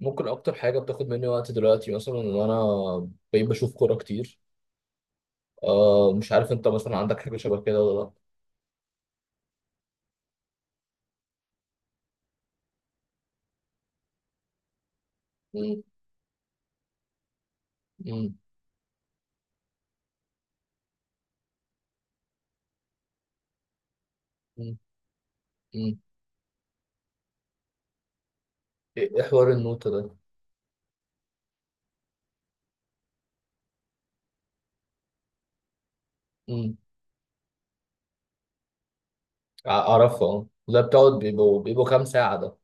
ممكن اكتر حاجه بتاخد مني وقت دلوقتي مثلا ان انا بقيت بشوف كوره كتير. مش عارف انت مثلا عندك حاجه شبه كده ولا لا. مم. مم. مم. مم. ايه، إيه حوار النوتة ده؟ مم. اعرفه، اه، ده بتقعد بيبقوا كام ساعه ده؟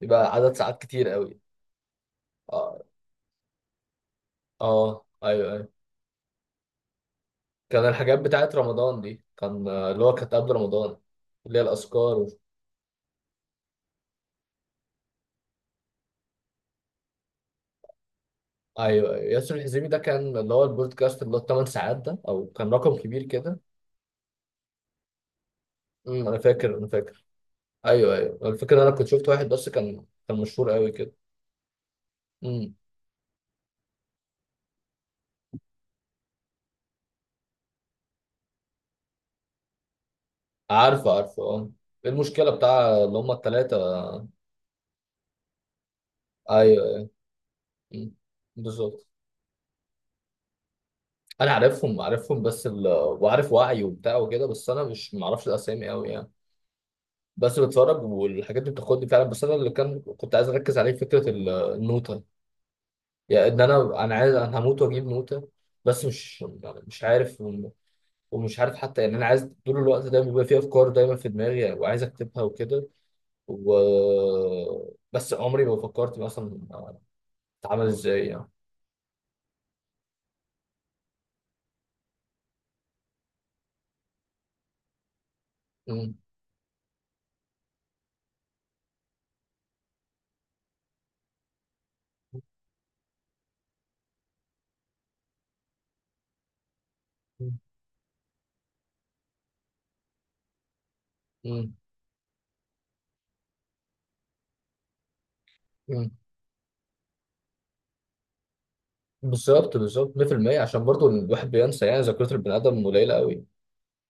بيبقى عدد ساعات كتير قوي. اه اه، ايوه ايوه، كان الحاجات بتاعت رمضان دي كان، اللي هو كانت قبل رمضان، اللي هي الاذكار و... ايوه ايوه، ياسر الحزيمي ده كان اللي هو البودكاست اللي هو الثمان ساعات ده او كان رقم كبير كده. مم، انا فاكر. ايوه ايوه، الفكره إن انا كنت شفت واحد بس كان مشهور قوي كده. امم عارفه عارفه اه. إيه المشكله بتاع اللي هم الثلاثه؟ ايوه ايوه. أمم. بالظبط. انا عارفهم عارفهم بس ال... وعارف وعي وبتاع وكده، بس انا مش معرفش الاسامي قوي يعني. بس بتفرج والحاجات دي بتاخدني فعلا، بس انا اللي كنت عايز اركز عليه فكره النوته. يعني ان انا عايز، انا هموت واجيب نوته، بس مش يعني مش عارف. ومش عارف حتى، يعني انا عايز طول الوقت، دايما بيبقى في افكار دايما في دماغي وعايز اكتبها وكده، و بس عمري ما فكرت مثلا اتعامل ازاي يعني. مم. مم. مم. مم. بالظبط بالظبط 100%، عشان برضو الواحد بينسى، يعني ذاكرة البني آدم قليلة قوي.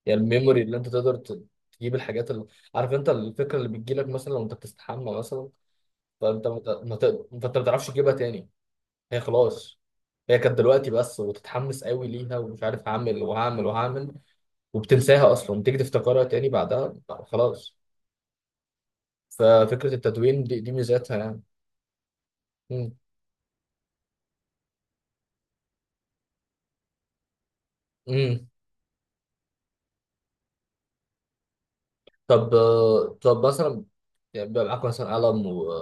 يعني الميموري اللي انت تقدر تجيب الحاجات اللي، عارف انت الفكرة اللي بتجيلك مثلا وانت بتستحمى مثلا، فانت ما ت- ما ت- فانت ما تعرفش تجيبها تاني. هي خلاص. هي كانت دلوقتي بس وتتحمس قوي ليها ومش عارف هعمل وهعمل وهعمل، وبتنساها اصلا، تيجي تفتكرها تاني بعدها، خلاص. ففكرة التدوين دي, ميزاتها يعني. مم. مم. طب طب مثلا، يعني بيبقى معاك مثلا قلم و...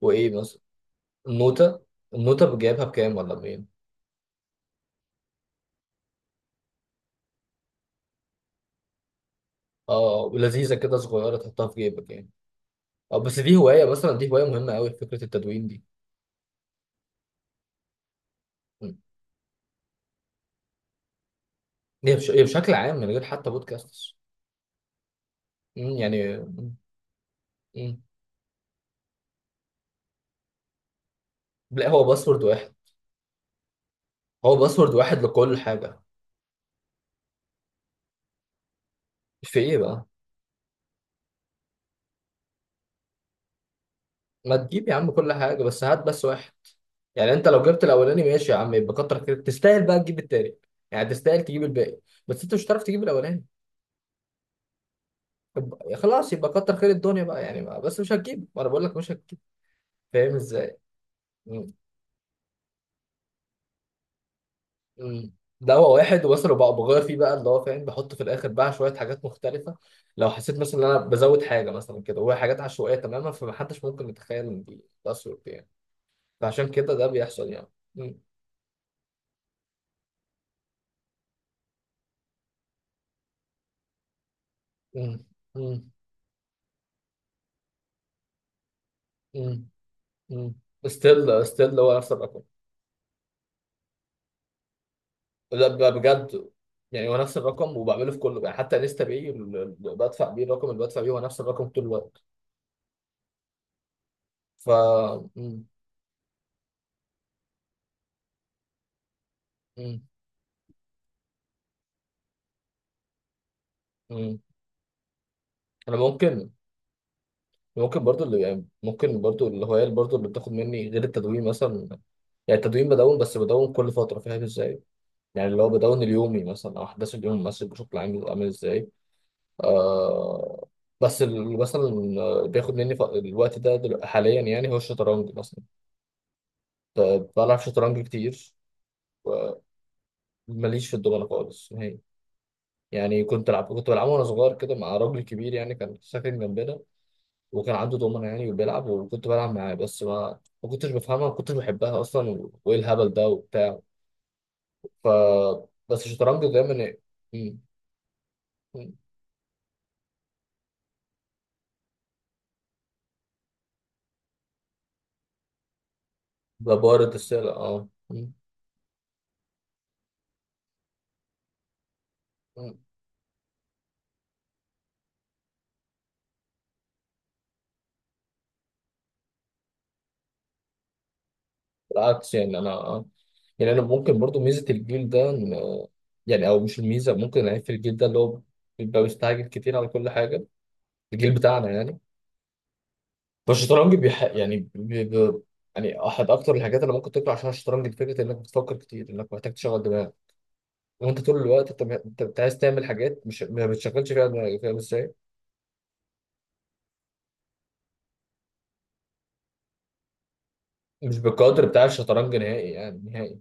وإيه مثلا؟ النوتة. النوتة جايبها بكام ولا بمين؟ اه، ولذيذة كده صغيرة تحطها في جيبك يعني. اه، بس دي هواية، مثلا دي هواية مهمة قوي فكرة التدوين دي. مم. هي بشكل عام من غير حتى بودكاست. مم. يعني مم. مم. لا، هو باسورد واحد. هو باسورد واحد لكل حاجة. في إيه بقى؟ ما تجيب يا عم كل حاجة، بس هات بس واحد. يعني انت لو جبت الاولاني، ماشي يا عم، يبقى كتر خيرك، تستاهل بقى تجيب التاني، يعني تستاهل تجيب الباقي. بس انت مش هتعرف تجيب الاولاني. خلاص يبقى كتر خير الدنيا بقى يعني، بس مش هتجيب، وانا بقول لك مش هتجيب. فاهم ازاي؟ مم. مم. ده هو واحد ومثلا بقى بغير فيه بقى، اللي هو فاهم، بحط في الاخر بقى شويه حاجات مختلفه. لو حسيت مثلا ان انا بزود حاجه مثلا كده، وهي حاجات عشوائيه تماما، فمحدش ممكن يتخيل ان دي تاثر دي يعني. فعشان كده ده بيحصل يعني. مم. مم. مم. مم. مم. ستيل ستيل هو نفس الرقم. لا، بجد. يعني هو نفس الرقم وبعمله في كله، يعني حتى انستا باي، بدفع بيه، الرقم اللي بدفع بيه هو نفس الرقم طول الوقت. ف مم. مم. مم. انا ممكن، ممكن برضو اللي يعني، ممكن برضو الهواية اللي برضو اللي بتاخد مني غير التدوين مثلا. يعني التدوين بدون، بس بدون كل فترة، فاهم ازاي؟ يعني اللي هو بدون اليومي مثلا، او احداث اليوم مثلا بشكل عام بيبقى عامل ازاي. آه بس اللي مثلا بياخد مني الوقت ده حاليا يعني، هو الشطرنج مثلا. بلعب شطرنج كتير. ماليش في الدومنة خالص هي. يعني كنت بلعبه وانا صغير كده مع راجل كبير يعني، كان ساكن جنبنا، وكان عنده دومنة يعني وبيلعب وكنت بلعب معاه، بس ما كنتش بفهمها، ما كنتش بحبها اصلا، و- وايه الهبل ده وبتاع. ف بس الشطرنج دايما إيه؟ مم. مم. ببارد السلة، اه مم. مم. بالعكس يعني انا يعني انا ممكن برضو ميزه الجيل ده يعني، او مش الميزه، ممكن العيب في الجيل ده اللي هو بيبقى مستعجل كتير على كل حاجه، الجيل بتاعنا يعني. فالشطرنج بيح... يعني بي... بي... يعني احد اكتر الحاجات اللي ممكن تطلع عشان الشطرنج، فكره انك بتفكر كتير، انك محتاج تشغل دماغك، وانت طول الوقت انت انت أنت عايز تعمل حاجات مش ما بتشغلش فيها دماغك، فاهم ازاي؟ مش بالقدر بتاع الشطرنج نهائي، يعني نهائي.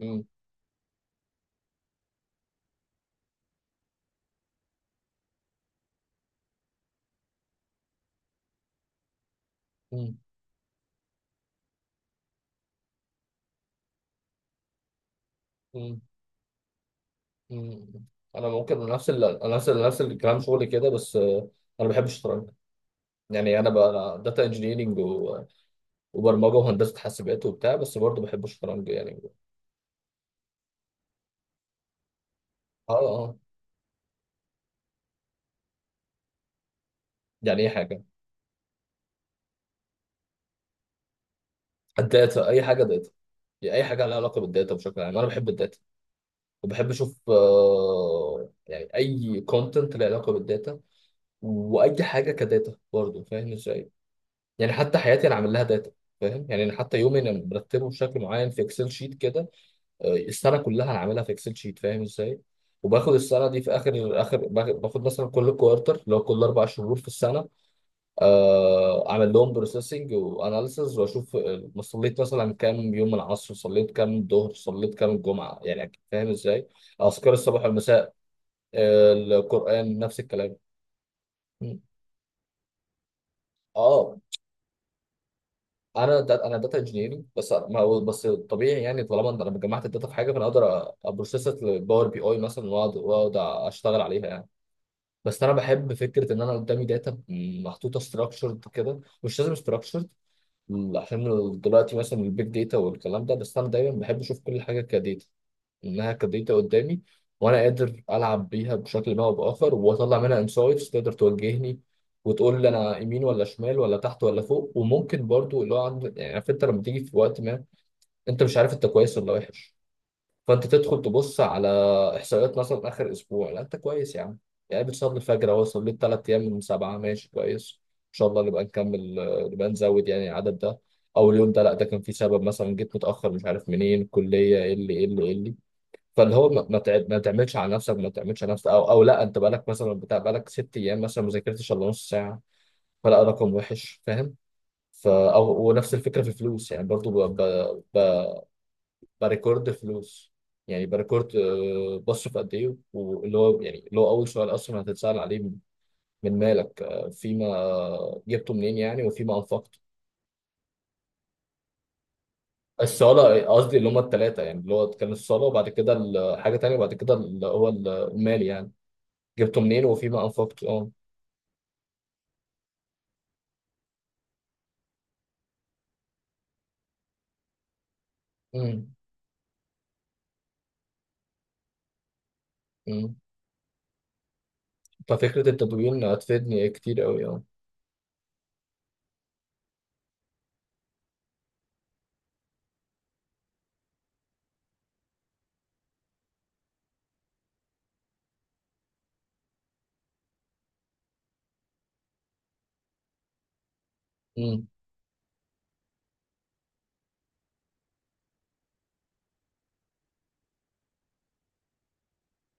مم. مم. مم. مم. انا ممكن نفس الكلام شغلي كده، بس انا بحب الشطرنج. يعني انا بقى داتا انجينيرنج و... وبرمجه وهندسه حاسبات وبتاع، بس برضه بحب الشطرنج يعني. اه اه. يعني اي حاجه. اديت اي حاجه. يعني اي حاجه لها علاقه بالداتا بشكل عام، انا بحب الداتا، وبحب اشوف، يعني اي كونتنت له علاقه بالداتا، واي حاجه كداتا برضه، فاهم ازاي؟ يعني حتى حياتي انا عامل لها داتا. فاهم؟ يعني انا حتى يومي انا مرتبه بشكل معين في اكسل شيت كده، السنه كلها انا عاملها في اكسل شيت، فاهم ازاي؟ وباخد السنه دي في اخر، باخد مثلا كل كوارتر اللي هو كل اربع شهور في السنه، اعمل لهم بروسيسنج واناليسز، واشوف ما صليت مثلا كام يوم، العصر صليت كام، الظهر صليت كام، الجمعه، يعني فاهم ازاي؟ اذكار الصباح والمساء، القران نفس الكلام. م. اه، انا دا، انا داتا انجينيرنج، بس أنا- ما هو- بس طبيعي، يعني طالما لما جمعت الداتا في حاجه، فانا اقدر ابروسيسها للباور بي اي مثلا، واقعد اشتغل عليها يعني. بس انا بحب فكره ان انا قدامي داتا محطوطه ستراكشرد كده، مش لازم structured. مم، عشان دلوقتي مثلا البيج داتا والكلام ده، بس انا دايما بحب اشوف كل حاجه كداتا، انها كداتا قدامي، وانا قادر العب بيها بشكل ما او باخر، واطلع منها انسايتس تقدر توجهني وتقول لي انا يمين ولا شمال ولا تحت ولا فوق. وممكن برضو اللي هو عند، يعني عارف انت لما تيجي في وقت ما انت مش عارف انت كويس ولا وحش، فانت تدخل تبص على احصائيات مثلا اخر اسبوع، لا انت كويس يا عم، يعني بتصلي الفجر اهو، صليت ثلاث ايام من سبعه، ماشي كويس ان شاء الله نبقى نكمل، نبقى نزود يعني العدد ده. او اليوم ده لا، ده كان في سبب، مثلا جيت متاخر مش عارف منين، الكليه، ايه اللي، فاللي هو ما تعملش على نفسك، ما تعملش على نفسك، او او لا انت بقالك مثلا بتاع، بقالك ست ايام مثلا ما ذاكرتش الا نص ساعه، فلا، رقم وحش، فاهم؟ فا او، ونفس الفكره في الفلوس يعني، برضو بريكورد فلوس. يعني بريكورد، بصرف قد ايه، واللي هو يعني اللي هو اول سؤال اصلا هتتسأل عليه، من مالك، فيما جبته منين يعني، وفيما انفقته. الصالة قصدي، اللي هما التلاتة يعني، اللي هو كان الصالة، وبعد كده حاجة تانية، وبعد كده اللي هو المال يعني، جبته منين وفيما انفقته، اه. أمم، أمم. ففكرة التدوين هتفيدني كتير قوي اه. أمم.